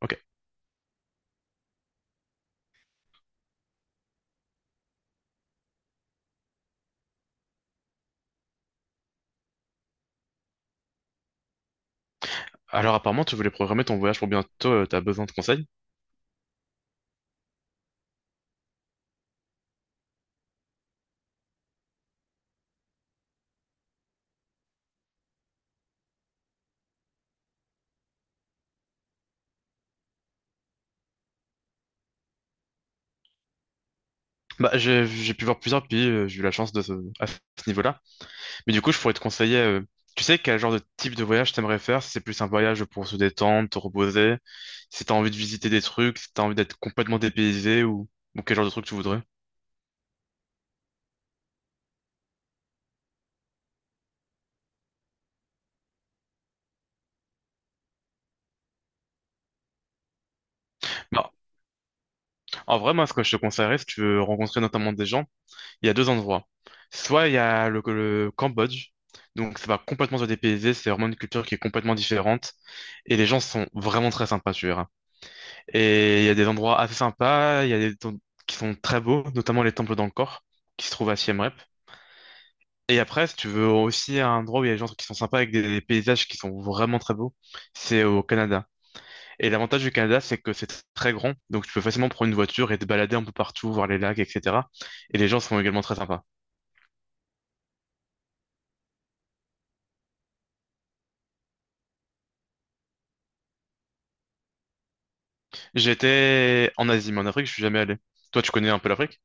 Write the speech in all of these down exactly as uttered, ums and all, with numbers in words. Ok. Alors apparemment, tu voulais programmer ton voyage pour bientôt, euh, t'as besoin de conseils? Bah, j'ai j'ai pu voir plusieurs pays, euh, j'ai eu la chance de ce- à ce niveau-là. Mais du coup, je pourrais te conseiller, euh, tu sais quel genre de type de voyage t'aimerais faire? Si c'est plus un voyage pour se détendre, te reposer, si t'as envie de visiter des trucs, si t'as envie d'être complètement dépaysé ou, ou quel genre de truc tu voudrais? Bah, en vrai, moi, ce que je te conseillerais, si tu veux rencontrer notamment des gens, il y a deux endroits. Soit il y a le, le Cambodge, donc ça va complètement se dépayser, c'est vraiment une culture qui est complètement différente. Et les gens sont vraiment très sympas, tu verras. Et il y a des endroits assez sympas, il y a des temples qui sont très beaux, notamment les temples d'Angkor, qui se trouvent à Siem Reap. Et après, si tu veux aussi un endroit où il y a des gens qui sont sympas avec des, des paysages qui sont vraiment très beaux, c'est au Canada. Et l'avantage du Canada, c'est que c'est très grand, donc tu peux facilement prendre une voiture et te balader un peu partout, voir les lacs, et cetera. Et les gens sont également très sympas. J'étais en Asie, mais en Afrique, je suis jamais allé. Toi, tu connais un peu l'Afrique?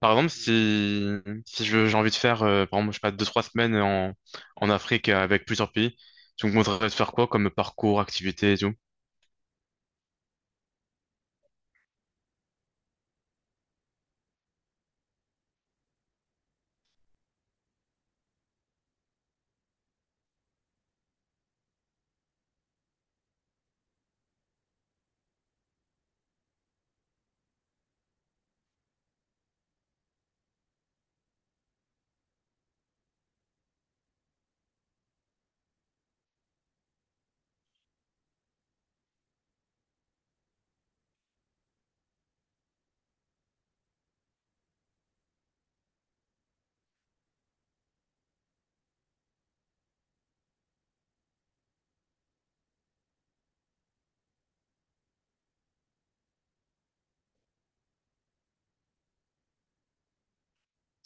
Par exemple, si, si je- j'ai envie de faire, euh, par exemple, je sais pas, deux, trois semaines en, en Afrique euh, avec plusieurs pays, tu me conseillerais de faire quoi comme parcours, activité et tout?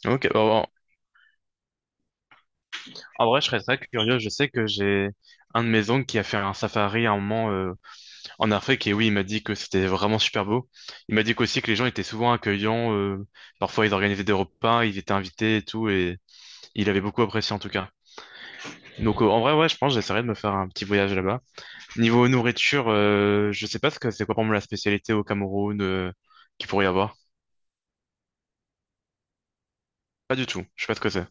Ok, bah, en en vrai, je serais très curieux. Je sais que j'ai un de mes oncles qui a fait un safari à un moment euh, en Afrique et oui, il m'a dit que c'était vraiment super beau. Il m'a dit qu'aussi que les gens étaient souvent accueillants, euh, parfois ils organisaient des repas, ils étaient invités et tout et il avait beaucoup apprécié en tout cas. Donc euh, en vrai, ouais, je pense que j'essaierai de me faire un petit voyage là-bas. Niveau nourriture, euh, je sais pas ce que c'est quoi pour moi la spécialité au Cameroun euh, qu'il pourrait y avoir. Pas du tout, je sais pas ce que c'est.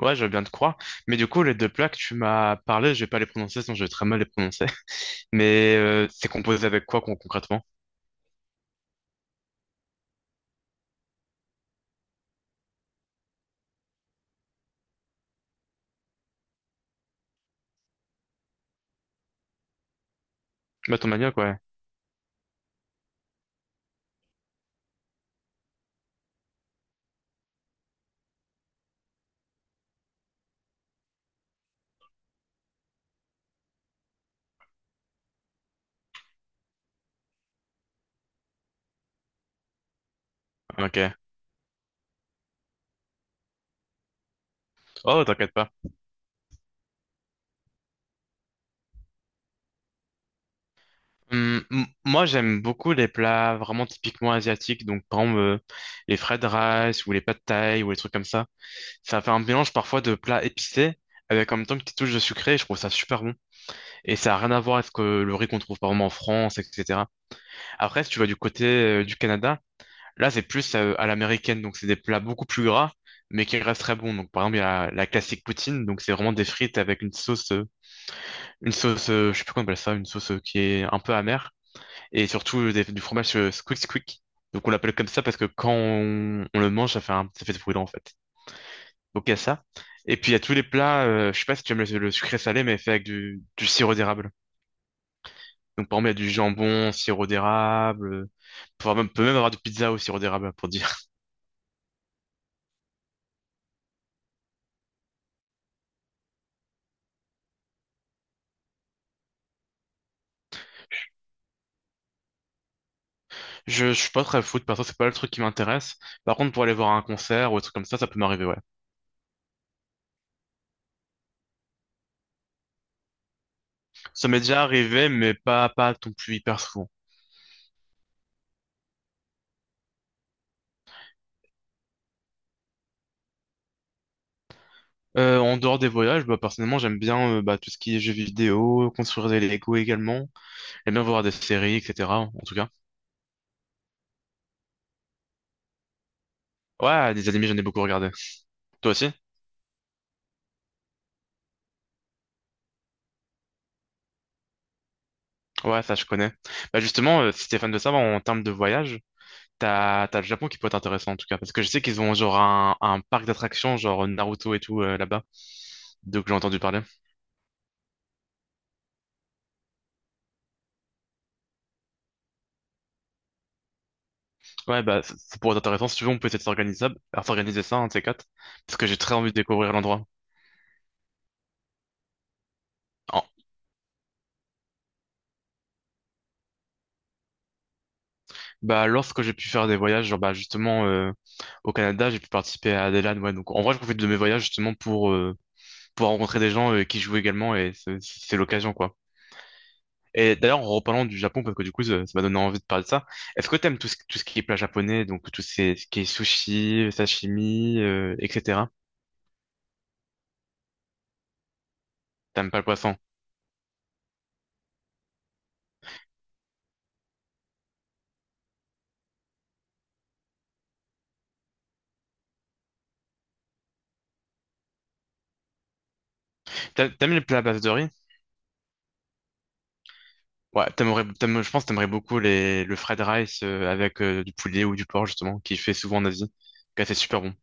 Ouais, je veux bien te croire. Mais du coup, les deux plats que tu m'as parlé, je vais pas les prononcer, sinon je vais très mal les prononcer. Mais euh, c'est composé avec quoi con- concrètement? Bah, ton manioc, ouais. Ok. Oh, t'inquiète pas. Hum, m- moi, j'aime beaucoup les plats vraiment typiquement asiatiques, donc par exemple euh, les fried rice ou les pad thaï ou les trucs comme ça. Ça fait un mélange parfois de plats épicés avec en même temps une petite touche de sucré, et je trouve ça super bon. Et ça a rien à voir avec euh, le riz qu'on trouve par exemple en France, et cetera. Après, si tu vas du côté euh, du Canada, là c'est plus euh, à l'américaine, donc c'est des plats beaucoup plus gras, mais qui restent très bons. Donc par exemple, il y a la classique poutine, donc c'est vraiment des frites avec une sauce, euh, une sauce, euh, je sais plus comment on appelle ça, une sauce euh, qui est un peu amère et surtout euh, des- du fromage euh, squick squick. Donc on l'appelle comme ça parce que quand on, on le mange, ça fait un- ça fait ce bruit-là en fait. Donc il y a ça. Et puis il y a tous les plats, euh, je sais pas si tu aimes le, le sucré salé, mais fait avec du, du sirop d'érable. Donc par exemple, il y a du jambon, sirop d'érable, euh, voire même- peut même avoir du pizza au sirop d'érable pour dire. Je, je suis pas très foot, perso, c'est pas le truc qui m'intéresse. Par contre, pour aller voir un concert ou un truc comme ça, ça peut m'arriver, ouais. Ça m'est déjà arrivé, mais pas, pas non plus hyper souvent. Euh, en dehors des voyages, bah, personnellement, j'aime bien euh, bah, tout ce qui est jeux vidéo, construire des Lego également. J'aime bien voir des séries, et cetera. En tout cas. Ouais, des animés, j'en ai beaucoup regardé. Toi aussi? Ouais, ça, je connais. Bah, justement, euh, si t'es fan de ça, bah, en termes de voyage, t'as, t'as le Japon qui peut être intéressant, en tout cas. Parce que je sais qu'ils ont genre un, un parc d'attractions, genre Naruto et tout, euh, là-bas. Donc, j'ai entendu parler. Ouais, bah, ça, ça pourrait être intéressant. Si tu veux, on peut essayer de s'organiser, ça- à s'organiser ça, un de ces quatre. Parce que j'ai très envie de découvrir l'endroit. Bah, lorsque j'ai pu faire des voyages, genre, bah, justement, euh, au Canada, j'ai pu participer à des ouais. Donc, en vrai, je profite de mes voyages, justement, pour, euh, pour rencontrer des gens, euh, qui jouent également, et c'est c'est l'occasion, quoi. Et d'ailleurs, en reparlant du Japon, parce que du coup, ça ça m'a donné envie de parler de ça. Est-ce que t'aimes tout ce, tout ce qui est plat japonais, donc tout ce ce qui est sushi, sashimi, euh, et cetera. T'aimes pas le poisson? T'a- T'aimes les plats à base de riz? Ouais, t'aimerais, t'aimes- je pense que t'aimerais beaucoup les, le fried rice, euh, avec, euh, du poulet ou du porc, justement, qui fait souvent en Asie. Ouais, c'est super bon.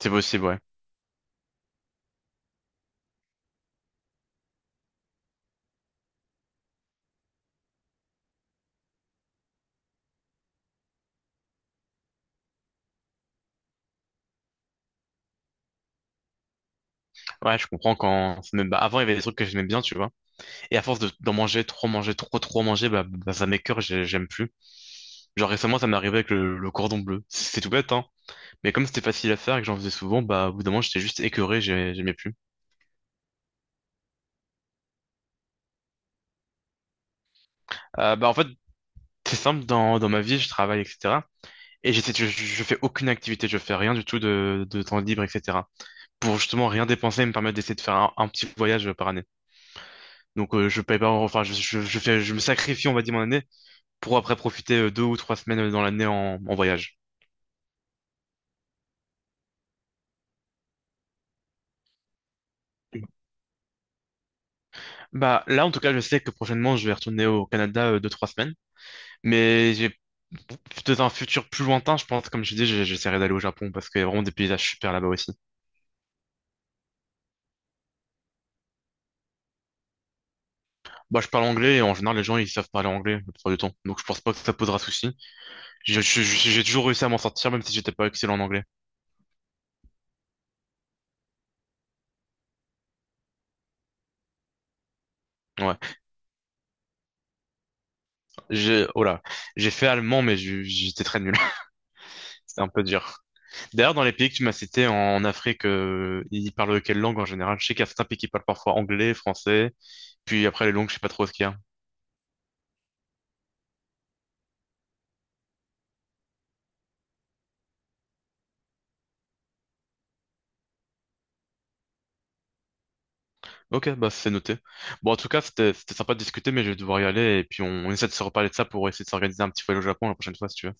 C'est possible, ouais. Ouais, je comprends quand. Ça me- bah, avant, il y avait des trucs que j'aimais bien, tu vois. Et à force de- d'en manger, trop manger, trop, trop manger, bah, bah, ça m'écœure, j'ai- j'aime plus. Genre récemment, ça m'est arrivé avec le, le cordon bleu. C'est tout bête, hein. Mais comme c'était facile à faire et que j'en faisais souvent, bah, au bout d'un moment, j'étais juste écœuré, j'ai- j'aimais plus. Euh, bah, en fait, c'est simple, dans, dans ma vie, je travaille, et cetera. Et j'essaie, je, je je fais aucune activité, je fais rien du tout de, de temps libre, et cetera. Pour justement rien dépenser et me permettre d'essayer de faire un, un petit voyage par année. Donc, euh, je paye pas, enfin, je, je, je fais, je me sacrifie, on va dire, mon année pour après profiter euh, deux ou trois semaines euh, dans l'année en, en voyage. Bah là, en tout cas, je sais que prochainement, je vais retourner au Canada euh, deux, trois semaines, mais j'ai dans un futur plus lointain, je pense, comme je dis, j'ai- j'essaierai d'aller au Japon parce qu'il y a vraiment des paysages super là-bas aussi. Moi, je parle anglais et en général, les gens, ils savent parler anglais la plupart du temps. Donc, je pense pas que ça posera souci. Je- je- je- J'ai toujours réussi à m'en sortir, même si j'étais pas excellent en anglais. Ouais. J'ai, oh là. J'ai fait allemand, mais je- j'étais très nul. C'était un peu dur. D'ailleurs, dans les pays que tu m'as cités en Afrique, euh, ils parlent quelle langue en général? Je sais qu'il y a certains pays qui parlent parfois anglais, français, puis après les langues, je sais pas trop ce qu'il y a. Ok, bah c'est noté. Bon, en tout cas, c'était c'était sympa de discuter, mais je vais devoir y aller, et puis on, on essaie de se reparler de ça pour essayer de s'organiser un petit voyage au Japon la prochaine fois, si tu veux.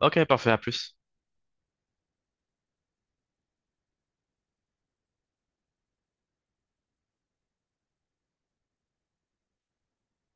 Ok, parfait, à plus.